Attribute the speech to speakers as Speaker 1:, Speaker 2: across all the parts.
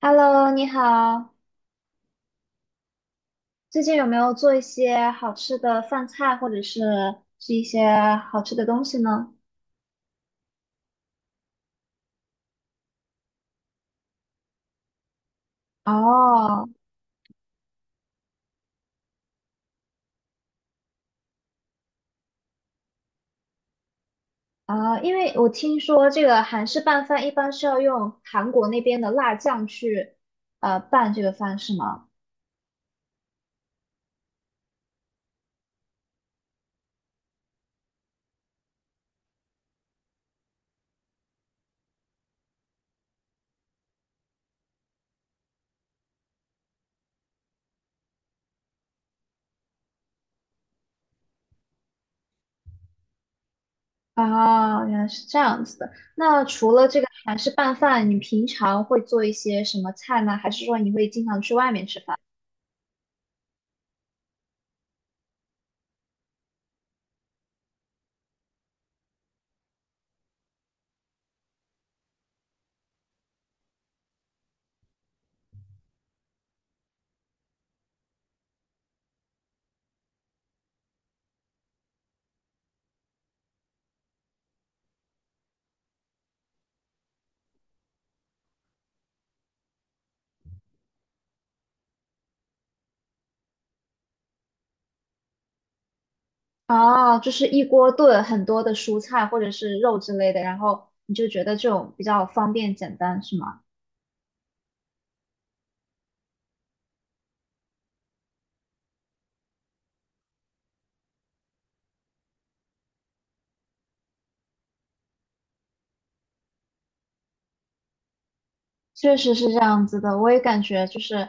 Speaker 1: Hello，你好，最近有没有做一些好吃的饭菜，或者是是一些好吃的东西呢？哦，啊，因为我听说这个韩式拌饭一般是要用韩国那边的辣酱去拌这个饭，是吗？啊，原来是这样子的。那除了这个韩式拌饭，你平常会做一些什么菜呢？还是说你会经常去外面吃饭？啊，就是一锅炖很多的蔬菜或者是肉之类的，然后你就觉得这种比较方便简单，是吗？确实是这样子的，我也感觉就是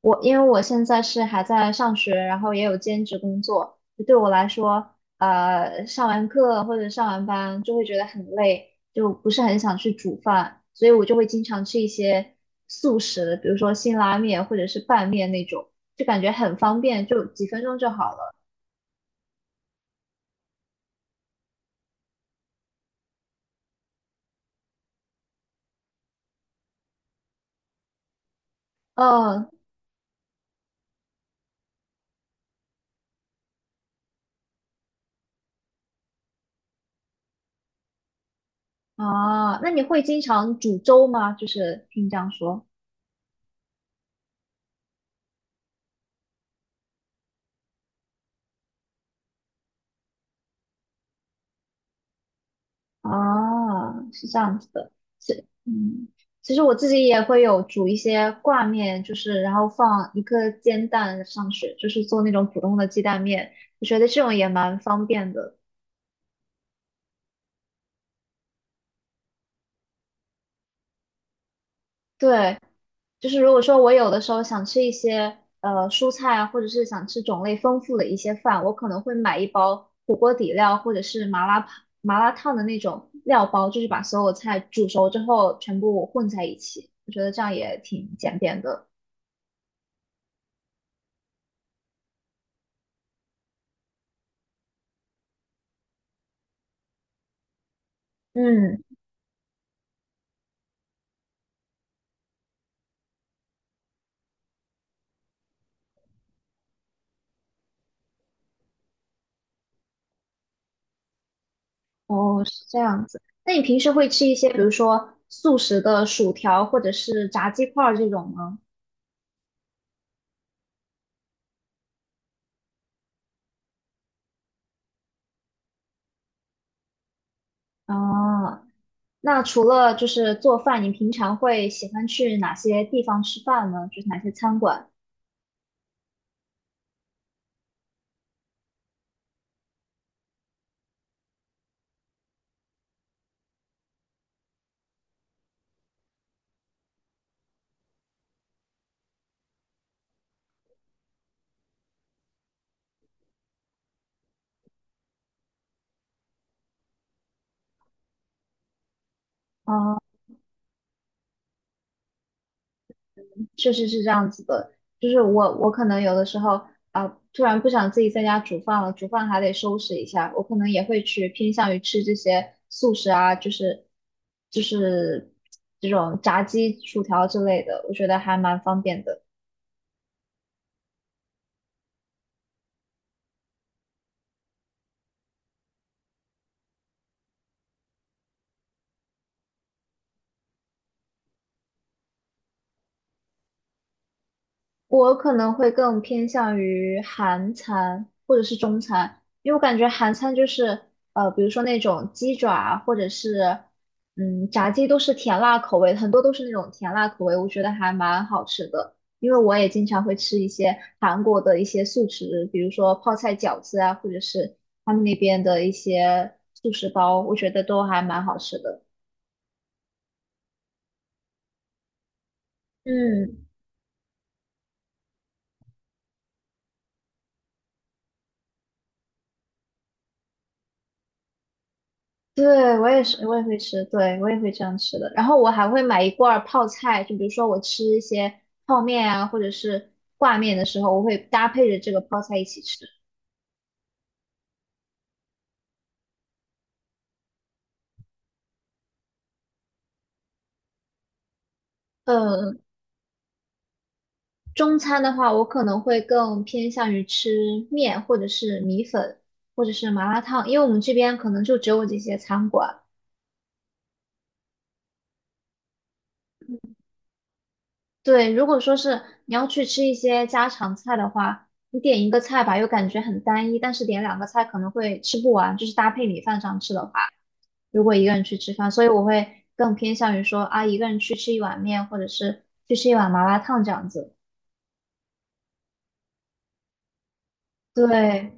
Speaker 1: 我，因为我现在是还在上学，然后也有兼职工作，就对我来说，上完课或者上完班就会觉得很累，就不是很想去煮饭，所以我就会经常吃一些速食，比如说辛拉面或者是拌面那种，就感觉很方便，就几分钟就好了。嗯，啊，那你会经常煮粥吗？就是听你这样说啊，是这样子的。是，嗯，其实我自己也会有煮一些挂面，就是然后放一个煎蛋上去，就是做那种普通的鸡蛋面。我觉得这种也蛮方便的。对，就是如果说我有的时候想吃一些蔬菜啊，或者是想吃种类丰富的一些饭，我可能会买一包火锅底料或者是麻辣烫的那种料包，就是把所有菜煮熟之后全部混在一起。我觉得这样也挺简便的。嗯，哦，是这样子。那你平时会吃一些，比如说速食的薯条或者是炸鸡块儿这种吗？啊。那除了就是做饭，你平常会喜欢去哪些地方吃饭呢？就是哪些餐馆？啊、确实是这样子的。就是我，我可能有的时候啊、突然不想自己在家煮饭了，煮饭还得收拾一下，我可能也会去偏向于吃这些素食啊，就是这种炸鸡、薯条之类的，我觉得还蛮方便的。我可能会更偏向于韩餐或者是中餐，因为我感觉韩餐就是比如说那种鸡爪啊或者是炸鸡都是甜辣口味，很多都是那种甜辣口味，我觉得还蛮好吃的。因为我也经常会吃一些韩国的一些素食，比如说泡菜饺子啊，或者是他们那边的一些素食包，我觉得都还蛮好吃的。嗯。对，我也是，我也会吃，对，我也会这样吃的。然后我还会买一罐儿泡菜，就比如说我吃一些泡面啊，或者是挂面的时候，我会搭配着这个泡菜一起吃。呃，中餐的话，我可能会更偏向于吃面，或者是米粉，或者是麻辣烫，因为我们这边可能就只有这些餐馆。对，如果说是你要去吃一些家常菜的话，你点一个菜吧，又感觉很单一，但是点两个菜可能会吃不完，就是搭配米饭上吃的话。如果一个人去吃饭，所以我会更偏向于说啊，一个人去吃一碗面，或者是去吃一碗麻辣烫这样子。对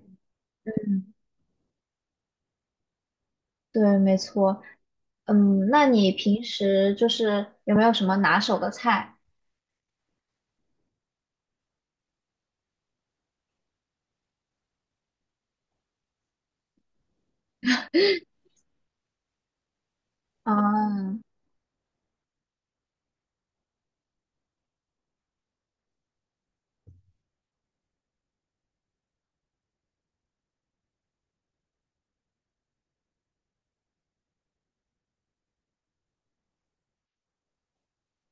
Speaker 1: 对，没错。嗯，那你平时就是有没有什么拿手的菜啊？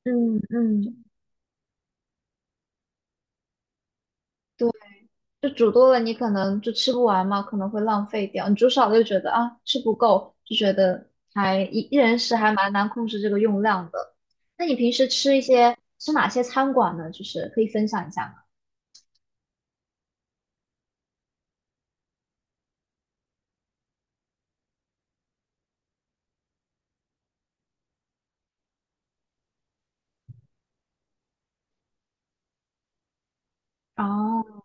Speaker 1: 嗯嗯，对，就煮多了你可能就吃不完嘛，可能会浪费掉。你煮少了就觉得啊吃不够，就觉得还一人食还蛮难控制这个用量的。那你平时吃一些吃哪些餐馆呢？就是可以分享一下吗？哦。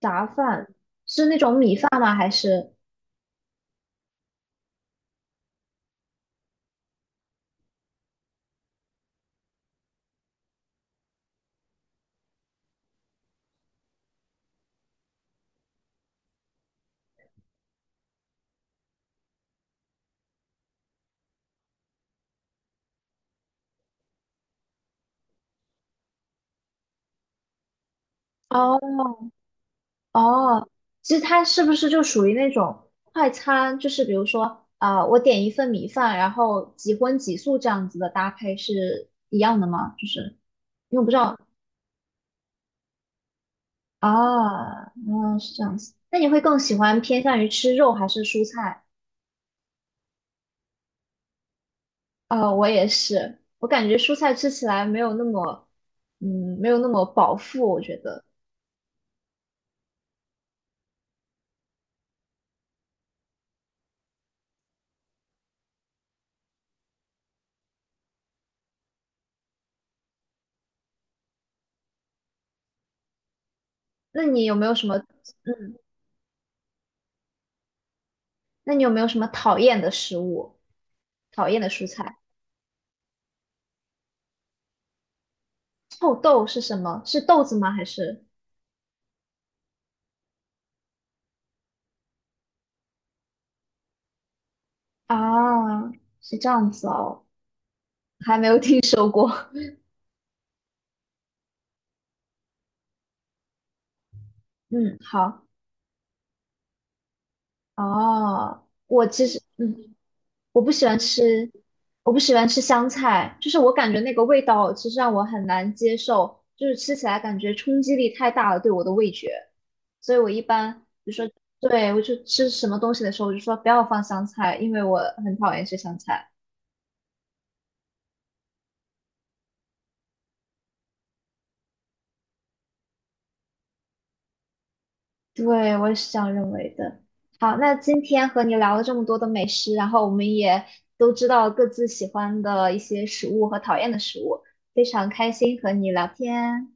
Speaker 1: 杂饭是那种米饭吗？还是哦哦，其实它是不是就属于那种快餐？就是比如说啊、我点一份米饭，然后几荤几素这样子的搭配是一样的吗？就是因为我不知道啊，嗯，是这样子。那你会更喜欢偏向于吃肉还是蔬菜？啊、我也是，我感觉蔬菜吃起来没有那么，嗯，没有那么饱腹，我觉得。那你有没有什么那你有没有什么讨厌的食物？讨厌的蔬菜？臭豆是什么？是豆子吗？还是啊？是这样子哦，还没有听说过。嗯，好。哦，我其实嗯，我不喜欢吃，我不喜欢吃香菜，就是我感觉那个味道其实让我很难接受，就是吃起来感觉冲击力太大了，对我的味觉。所以我一般，对，我就吃什么东西的时候，我就说不要放香菜，因为我很讨厌吃香菜。对，我也是这样认为的。好，那今天和你聊了这么多的美食，然后我们也都知道各自喜欢的一些食物和讨厌的食物，非常开心和你聊天。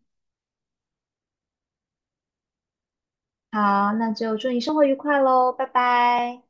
Speaker 1: 好，那就祝你生活愉快喽，拜拜。